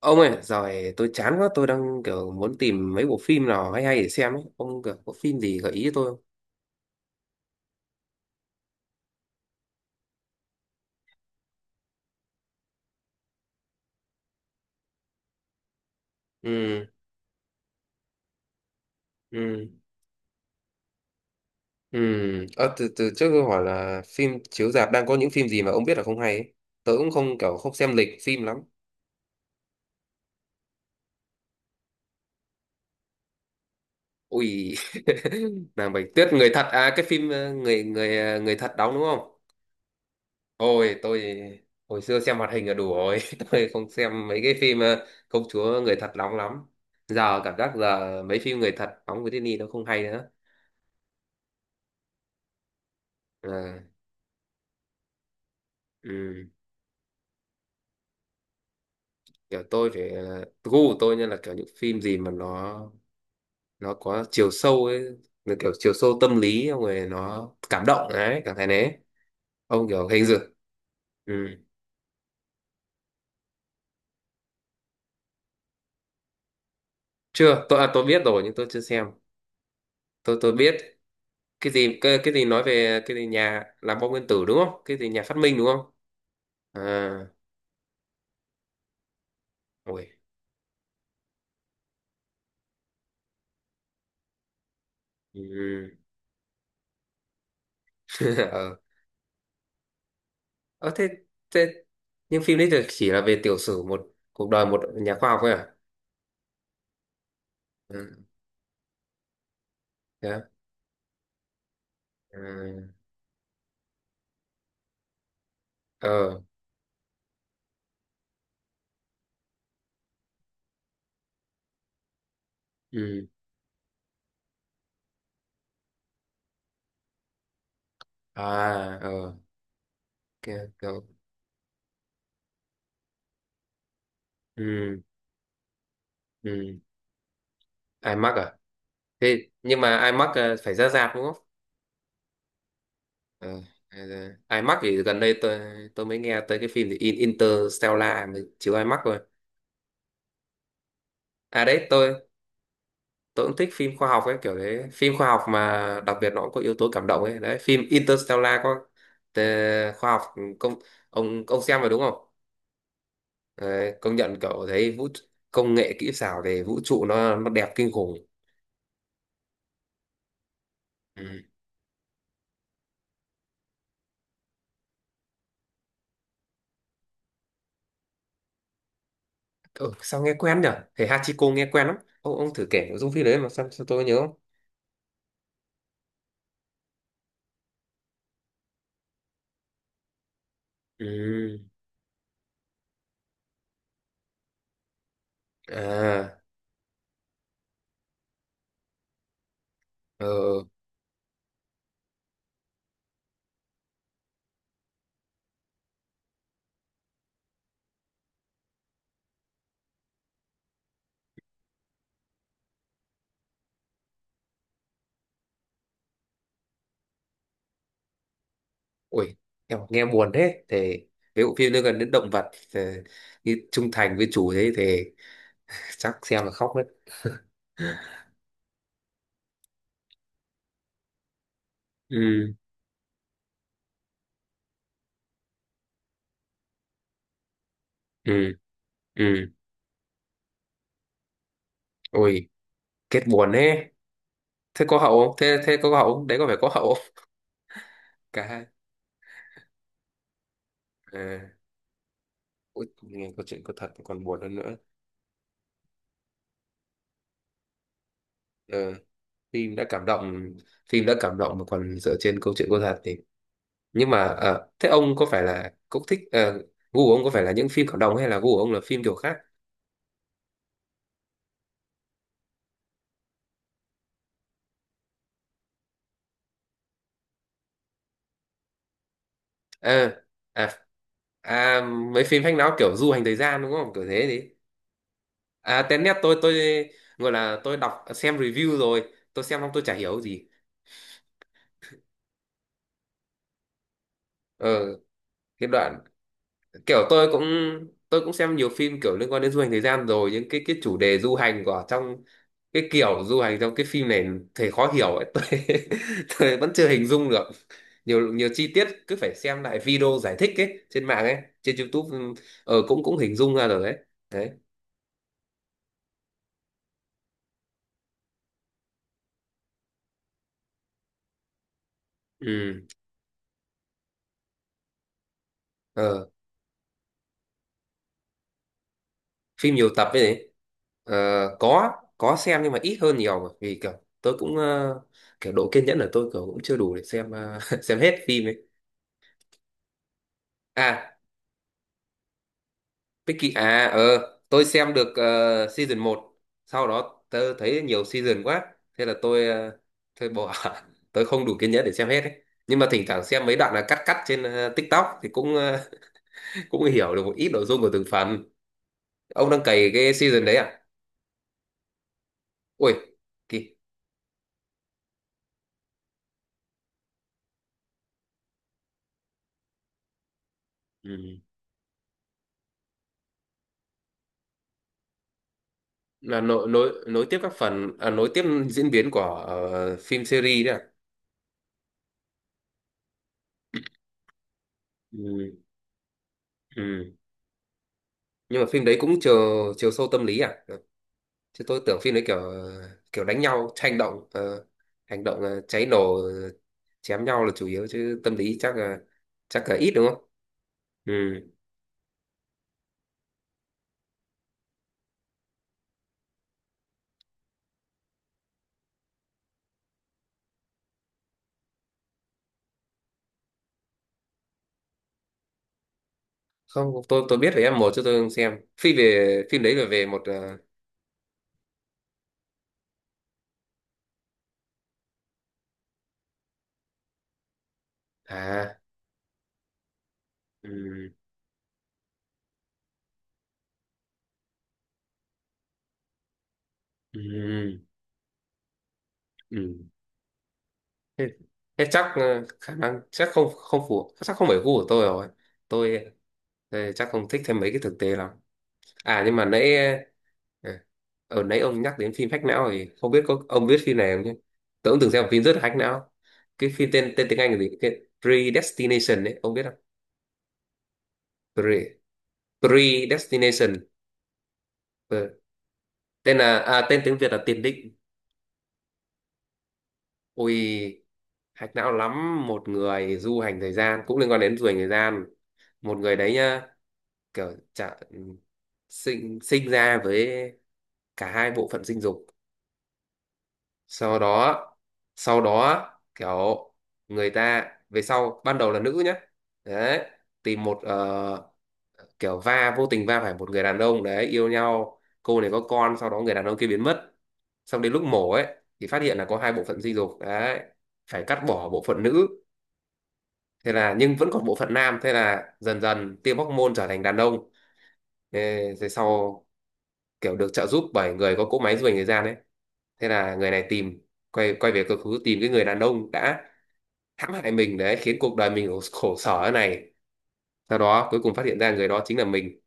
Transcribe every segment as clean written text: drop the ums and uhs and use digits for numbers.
Ông ơi rồi tôi chán quá tôi đang kiểu muốn tìm mấy bộ phim nào hay hay để xem ấy, ông kiểu có phim gì gợi ý cho tôi không? Ừ, ừ, ừ. Ờ, từ từ trước tôi hỏi là phim chiếu rạp đang có những phim gì mà ông biết là không hay ấy. Tớ cũng không kiểu không xem lịch phim lắm. Ui, nàng Bạch Tuyết người thật à? Cái phim người người ờ, người thật đóng đúng không? Ôi tôi hồi xưa xem hoạt hình là đủ rồi, tôi không xem mấy cái phim công chúa người thật đóng lắm. Giờ cảm giác là mấy phim người thật đóng với Disney nó không hay. À, ừ. Kiểu tôi thì gu của tôi nha là kiểu những phim gì mà nó có chiều sâu ấy, là kiểu chiều sâu tâm lý, xong rồi nó cảm động đấy, cảm thấy đấy. Ông kiểu hình dự. Ừ. Chưa, tôi tôi biết rồi nhưng tôi chưa xem. Tôi biết cái gì cái gì nói về cái gì nhà làm bom nguyên tử đúng không, cái gì nhà phát minh đúng không? À. Ôi. Ừ. Ờ. Ờ, thế, thế nhưng phim đấy thì chỉ là về tiểu sử một, cuộc đời một nhà khoa học thôi à? Ừ. Thế à? Ừ. Ờ. Ừ. À. Ờ. OK. OK. Ừ. Ừ. iMac à? Thế nhưng mà iMac phải ra rạp đúng không? Ờ. iMac thì gần đây tôi mới nghe tới cái phim thì Interstellar mới chiếu iMac rồi. À đấy tôi cũng thích phim khoa học ấy, kiểu đấy phim khoa học mà đặc biệt nó cũng có yếu tố cảm động ấy, đấy phim Interstellar có. ờ, Khoa học công. Ông xem rồi đúng không? Đấy, công nhận kiểu thấy vũ, công nghệ kỹ xảo về vũ trụ nó đẹp kinh khủng. Ừ. Ừ, sao nghe quen nhỉ. Thầy Hachiko nghe quen lắm. Ông thử kể nội dung phim đấy mà sao tôi nhớ không? Ừ. À. Ờ. Ui. Em nghe buồn thế thì, cái bộ phim nó gần đến động vật thì, như trung thành với chủ thế thì chắc xem là khóc đấy. Ừ. Ừ. Ừ. Ui. Kết buồn thế. Thế có hậu không, thế thế có hậu không đấy, có phải có hậu không? Cả hai. À. Ui, nghe câu chuyện có thật còn buồn hơn nữa. Ờ, phim đã cảm động phim đã cảm động mà còn dựa trên câu chuyện có thật thì. Nhưng mà thế ông có phải là cũng thích gu của ông có phải là những phim cộng đồng hay là gu của ông là phim kiểu khác? À. À. À. Mấy phim hack não kiểu du hành thời gian đúng không, kiểu thế đi. À Tenet tôi gọi là tôi đọc xem review rồi tôi xem xong tôi chả hiểu gì. Ờ. Cái đoạn kiểu tôi cũng xem nhiều phim kiểu liên quan đến du hành thời gian rồi, những cái chủ đề du hành của trong cái kiểu du hành trong cái phim này thì khó hiểu ấy. Tôi vẫn chưa hình dung được. Nhiều nhiều chi tiết cứ phải xem lại video giải thích ấy trên mạng ấy. Trên YouTube. Ừ, cũng cũng hình dung ra rồi đấy. Đấy. Ừ. ờ Phim nhiều tập ấy nhỉ? Ờ, có. Có xem nhưng mà ít hơn nhiều mà vì kiểu tôi cũng kiểu độ kiên nhẫn của tôi kiểu cũng chưa đủ để xem xem hết phim ấy. À Peaky à? Ờ. Tôi xem được season một, sau đó tớ thấy nhiều season quá, thế là tôi bỏ. Tôi không đủ kiên nhẫn để xem hết ấy. Nhưng mà thỉnh thoảng xem mấy đoạn là cắt cắt trên TikTok thì cũng cũng hiểu được một ít nội dung của từng phần. Ông đang cày cái season đấy à? Ui. Kỳ. Ừ. Là nối nối nối tiếp các phần à, nối tiếp diễn biến của phim series đấy à? Ừ. Ừ. Nhưng mà phim đấy cũng chiều chiều sâu tâm lý à? Chứ tôi tưởng phim đấy kiểu kiểu đánh nhau hành động hành động cháy nổ chém nhau là chủ yếu, chứ tâm lý chắc là ít đúng không? Ừ. Không, tôi biết về em một chứ tôi không xem phim về phim đấy là về một À. Ừ. Ừ. Ừ. thế, thế chắc khả năng chắc không không phù, chắc không phải gu của tôi rồi. Tôi, chắc không thích thêm mấy cái thực tế lắm. À nhưng mà nãy à, ở nãy ông nhắc đến phim hack não thì không biết ông biết phim này không chứ. Tôi cũng từng xem một phim rất là hack não. Cái phim tên tên tiếng Anh là gì cái Predestination ấy ông biết không? Pre Predestination. Ờ. Tên tiếng Việt là tiền định. Ui. Hack não lắm, một người du hành thời gian cũng liên quan đến du hành thời gian. Một người đấy nhá, kiểu sinh sinh ra với cả hai bộ phận sinh dục. Sau đó, sau đó kiểu người ta về sau ban đầu là nữ nhá. Đấy, tìm một kiểu vô tình va phải một người đàn ông đấy, yêu nhau, cô này có con, sau đó người đàn ông kia biến mất. Xong đến lúc mổ ấy thì phát hiện là có hai bộ phận sinh dục đấy. Phải cắt bỏ bộ phận nữ. Thế là nhưng vẫn còn bộ phận nam, thế là dần dần tiêm hóc môn trở thành đàn ông. Ê, thế sau kiểu được trợ giúp bởi người có cỗ máy du hành thời gian ấy. Thế là người này tìm, quay quay về quá khứ tìm cái người đàn ông đã hãm hại mình đấy, khiến cuộc đời mình khổ sở thế này. Sau đó cuối cùng phát hiện ra người đó chính là mình.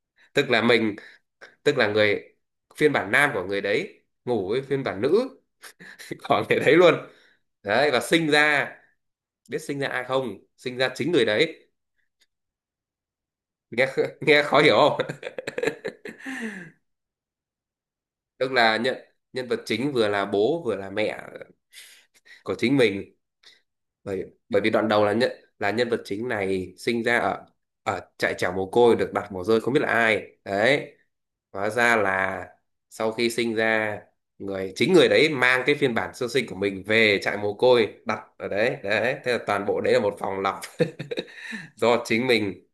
tức là mình tức là người phiên bản nam của người đấy ngủ với phiên bản nữ. Của người đấy luôn. Đấy và sinh ra, biết sinh ra ai không, sinh ra chính người đấy. Nghe nghe khó hiểu không? Tức là nhân nhân vật chính vừa là bố vừa là mẹ của chính mình. Bởi bởi vì đoạn đầu là nhận, là nhân vật chính này sinh ra ở ở trại chảo mồ côi, được đặt mồ rơi không biết là ai đấy. Hóa ra là sau khi sinh ra, chính người đấy mang cái phiên bản sơ sinh của mình về trại mồ côi đặt ở đấy, đấy thế là toàn bộ đấy là một phòng lọc. Do chính mình.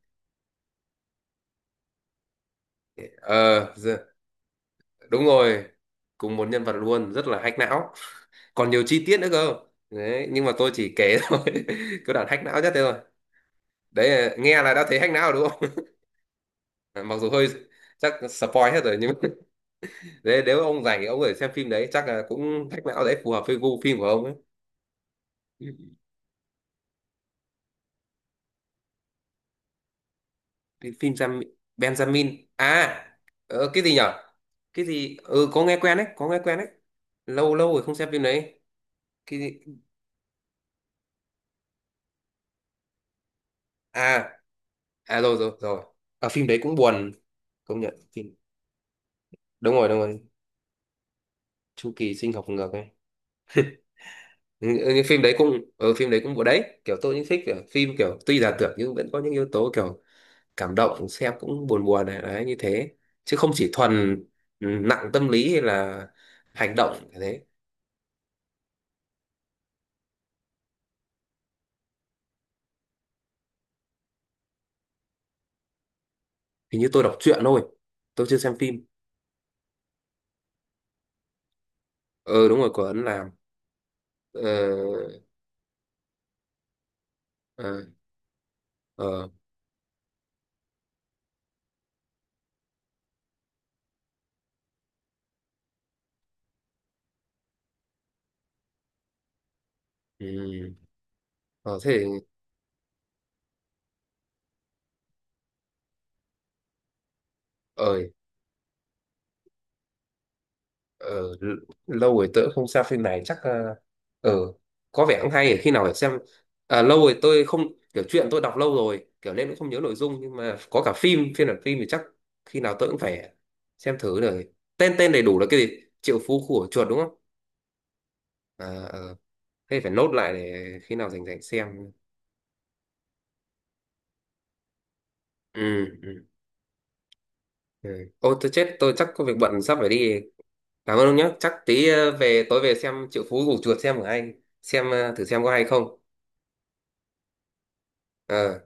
ờ giờ- Đúng rồi. Cùng một nhân vật luôn rất là hack não. Còn nhiều chi tiết nữa cơ. Đấy nhưng mà tôi chỉ kể thôi. Cái đoạn hack não nhất thế thôi. Đấy nghe là đã thấy hack não rồi đúng không? Ờ, mặc dù hơi, chắc spoil hết rồi nhưng mà, đấy, nếu ông rảnh thì ông có thể xem phim đấy chắc là cũng thách não đấy, phù hợp với gu phim của ông ấy. Cái phim Benjamin à? Ờ, cái gì nhở. Cái gì. Ừ có nghe quen đấy, có nghe quen đấy. Lâu lâu rồi không xem phim đấy. Cái gì. À. À, rồi rồi rồi. Ở phim đấy cũng buồn. Công nhận phim. Đúng rồi, đúng rồi. Chu kỳ sinh học ngược ấy. Ừ, nhưng phim đấy cũng, ở phim đấy cũng buồn đấy, kiểu tôi cũng thích kiểu phim kiểu tuy là tưởng nhưng vẫn có những yếu tố kiểu cảm động, xem cũng buồn buồn này đấy như thế. Chứ không chỉ thuần, ừ, nặng tâm lý hay là hành động như thế. Hình như tôi đọc truyện thôi, tôi chưa xem phim. Ờ đúng rồi, của Ấn làm. Ờ. Ờ. Ờ. Ừ. Ờ thế thì. Ờ. Ờ, lâu rồi tớ không xem phim này chắc. Ờ, ờ, có vẻ cũng hay, khi nào phải xem. À, lâu rồi tôi không, kiểu chuyện tôi đọc lâu rồi kiểu nên cũng không nhớ nội dung, nhưng mà có cả phim phiên bản phim thì chắc khi nào tôi cũng phải xem thử rồi. Tên tên đầy đủ là cái gì, Triệu Phú Của Chuột đúng không? À, ờ, thế phải nốt lại để khi nào rảnh rảnh xem. Ừ, ừ, ừ. Ô tôi chết, tôi chắc có việc bận sắp phải đi. Cảm ơn ông nhé, chắc tí về tối về xem Triệu Phú Của Chuột xem của anh, xem thử xem có hay không. Ờ